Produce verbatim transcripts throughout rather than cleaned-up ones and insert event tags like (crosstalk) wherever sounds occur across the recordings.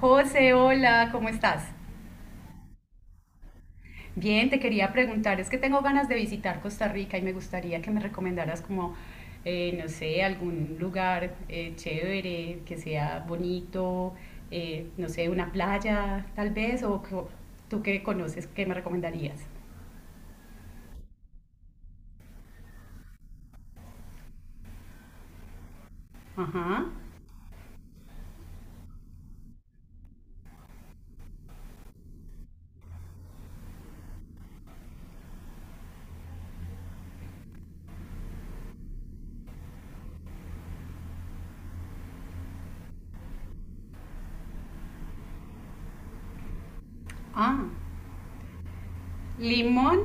José, hola, ¿cómo estás? Bien, te quería preguntar, es que tengo ganas de visitar Costa Rica y me gustaría que me recomendaras como, eh, no sé, algún lugar eh, chévere, que sea bonito, eh, no sé, una playa tal vez, o co- tú que conoces, ¿qué me recomendarías? Ajá. Ah, Limón.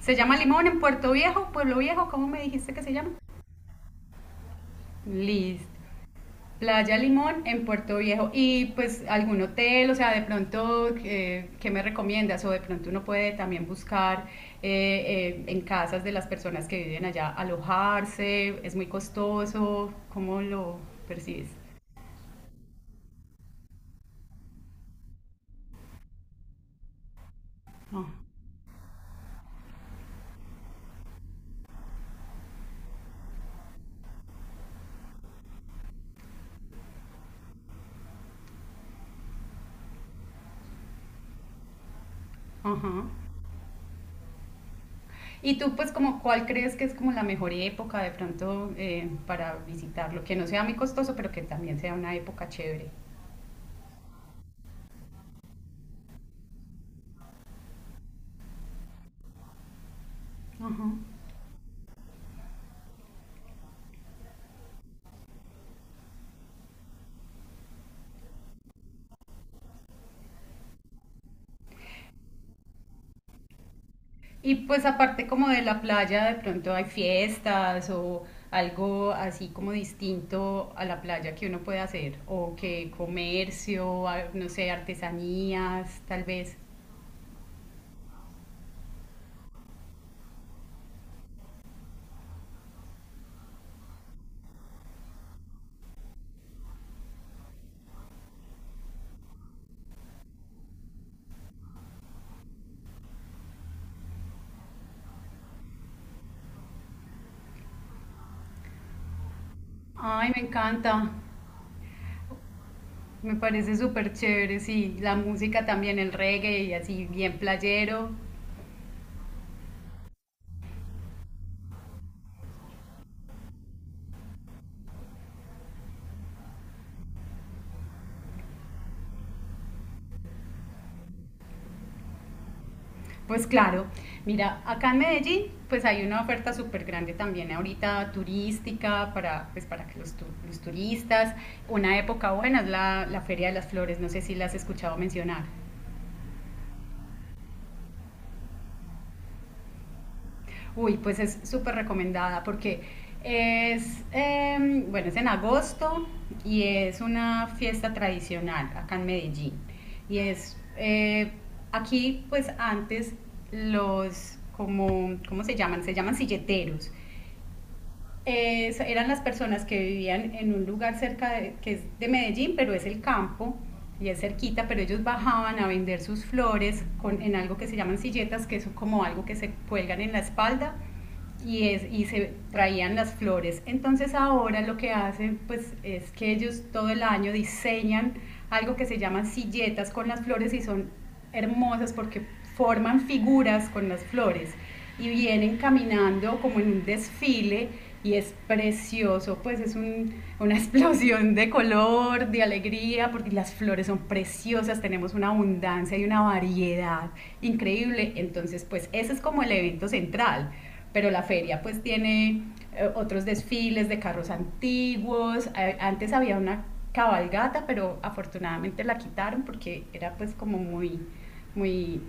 ¿Se llama Limón en Puerto Viejo, Pueblo Viejo? ¿Cómo me dijiste que se llama? Listo. Playa Limón en Puerto Viejo. Y pues algún hotel, o sea, de pronto, eh, ¿qué me recomiendas? O de pronto uno puede también buscar eh, eh, en casas de las personas que viven allá alojarse, es muy costoso, ¿cómo lo percibes? Ah, ajá. Y tú, pues, como, ¿cuál crees que es como la mejor época de pronto eh, para visitarlo? Que no sea muy costoso, pero que también sea una época chévere. Ajá. Y pues aparte como de la playa, de pronto hay fiestas o algo así como distinto a la playa que uno puede hacer, o que comercio, a- no sé, artesanías, tal vez. Ay, me encanta, me parece súper chévere, sí, la música también, el reggae y así bien playero. Pues claro, mira, acá en Medellín pues hay una oferta súper grande también ahorita turística para, pues, para que los, tu- los turistas, una época buena es la, la Feria de las Flores, no sé si la has escuchado mencionar. Uy, pues es súper recomendada porque es, em, bueno, es en agosto y es una fiesta tradicional acá en Medellín. Y es, eh, aquí pues antes los, como, ¿cómo se llaman? Se llaman silleteros. eh, eran las personas que vivían en un lugar cerca de, que es de Medellín, pero es el campo y es cerquita, pero ellos bajaban a vender sus flores con, en algo que se llaman silletas, que es como algo que se cuelgan en la espalda y, es, y se traían las flores. Entonces ahora lo que hacen pues es que ellos todo el año diseñan algo que se llaman silletas con las flores y son hermosas porque forman figuras con las flores y vienen caminando como en un desfile y es precioso, pues es un, una (laughs) explosión de color, de alegría, porque las flores son preciosas, tenemos una abundancia y una variedad increíble, entonces pues ese es como el evento central, pero la feria pues tiene eh, otros desfiles de carros antiguos, eh, antes había una cabalgata, pero afortunadamente la quitaron porque era pues como muy, muy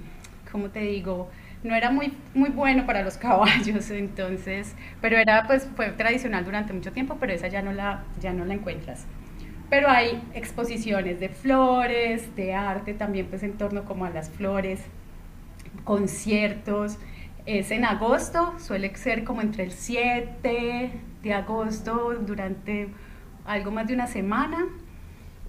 como te digo, no era muy, muy bueno para los (laughs) caballos, entonces, pero era pues fue tradicional durante mucho tiempo, pero esa ya no la, ya no la encuentras. Pero hay exposiciones de flores, de arte también pues en torno como a las flores, conciertos. Es en agosto, suele ser como entre el siete de agosto, durante algo más de una semana.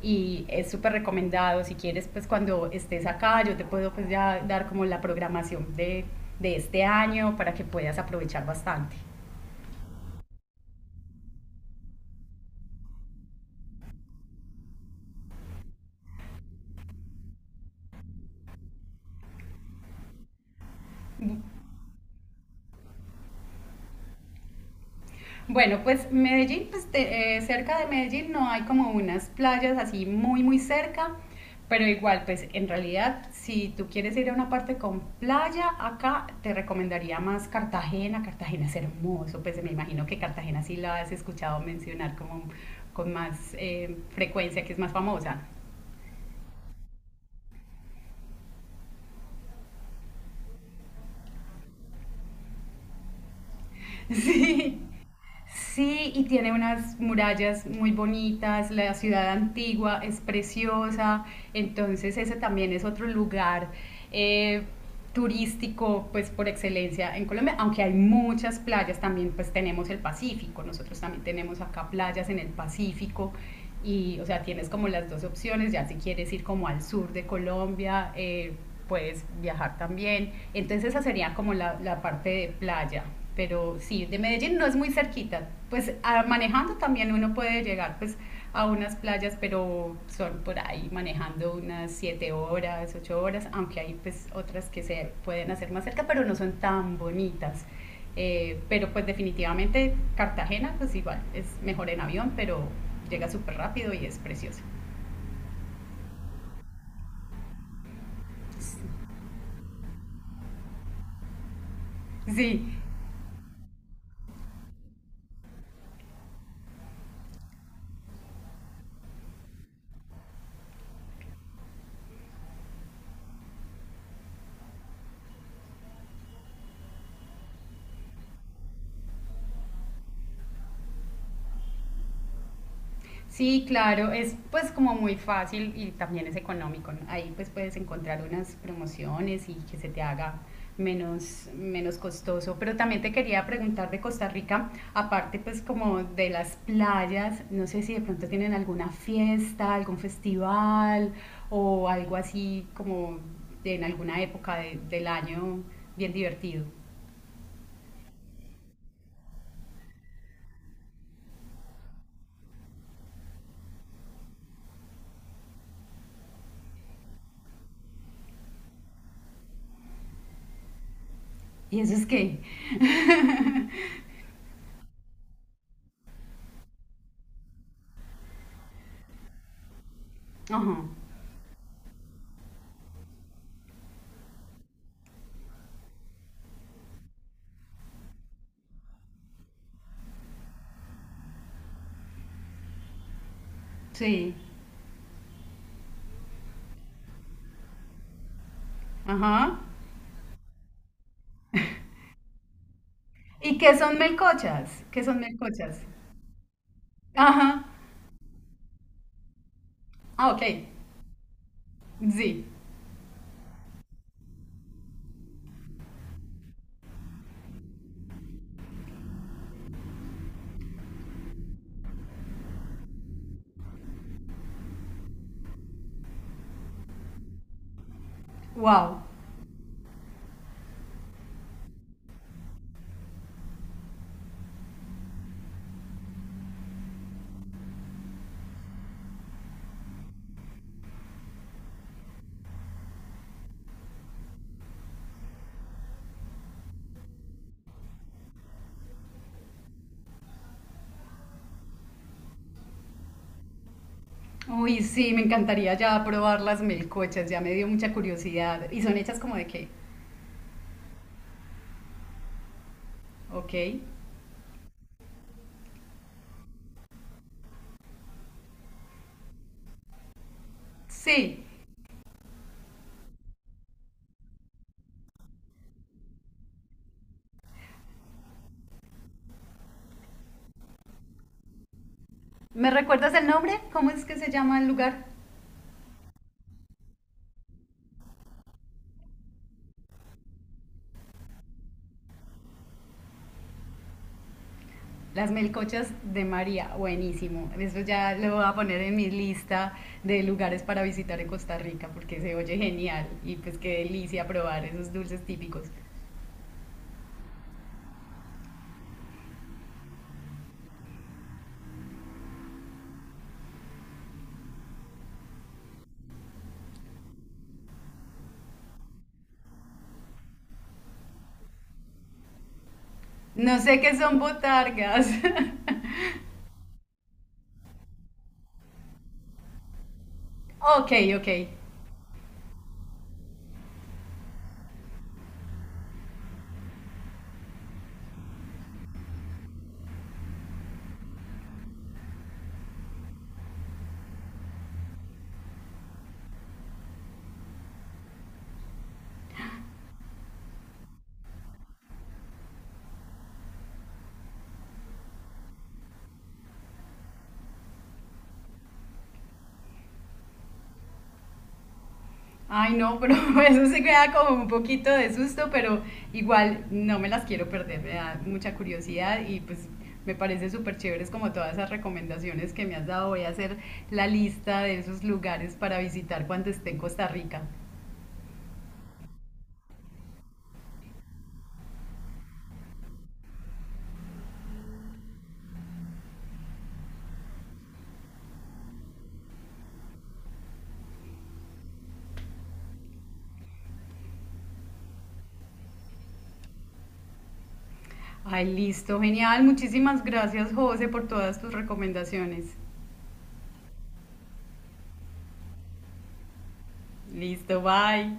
Y es súper recomendado, si quieres, pues cuando estés acá, yo te puedo pues ya dar como la programación de, de este año para que puedas aprovechar bastante. Bueno, pues Medellín, pues te- eh, cerca de Medellín no hay como unas playas así muy, muy cerca, pero igual, pues en realidad, si tú quieres ir a una parte con playa, acá te recomendaría más Cartagena. Cartagena es hermoso, pues me imagino que Cartagena sí la has escuchado mencionar como con más eh, frecuencia, que es más famosa. Sí, y tiene unas murallas muy bonitas, la ciudad antigua es preciosa, entonces ese también es otro lugar eh, turístico pues por excelencia en Colombia, aunque hay muchas playas, también pues tenemos el Pacífico, nosotros también tenemos acá playas en el Pacífico y, o sea, tienes como las dos opciones, ya si quieres ir como al sur de Colombia, eh, puedes viajar también. Entonces esa sería como la, la parte de playa. Pero sí, de Medellín no es muy cerquita. Pues a- manejando también uno puede llegar pues a unas playas, pero son por ahí manejando unas siete horas, ocho horas, aunque hay pues otras que se pueden hacer más cerca, pero no son tan bonitas. Eh, pero pues definitivamente Cartagena, pues igual, es mejor en avión, pero llega súper rápido y es precioso. Sí, sí, claro, es pues como muy fácil y también es económico, ¿no? Ahí pues puedes encontrar unas promociones y que se te haga menos, menos costoso. Pero también te quería preguntar de Costa Rica, aparte pues como de las playas, no sé si de pronto tienen alguna fiesta, algún festival o algo así como en alguna época de- del año bien divertido. ¿Y eso es qué? Ajá, sí, ajá. ¿Y qué son melcochas? ¿Qué son melcochas? Ajá. Ah, ok. Sí. Wow. Uy, sí, me encantaría ya probar las melcochas, ya me dio mucha curiosidad. ¿Y son hechas como de qué? Ok. Sí. ¿Me recuerdas el nombre? ¿Cómo es que se llama el lugar? Las melcochas de María. Buenísimo. Eso ya lo voy a poner en mi lista de lugares para visitar en Costa Rica porque se oye genial y pues qué delicia probar esos dulces típicos. No sé qué son botargas. (laughs) Ok, ok. Ay, no, pero (laughs) eso se queda como un poquito de susto, pero igual no me las quiero perder, me da mucha curiosidad y pues me parece súper chéveres como todas esas recomendaciones que me has dado. Voy a hacer la lista de esos lugares para visitar cuando esté en Costa Rica. Ay, listo, genial. Muchísimas gracias, José, por todas tus recomendaciones. Listo, bye.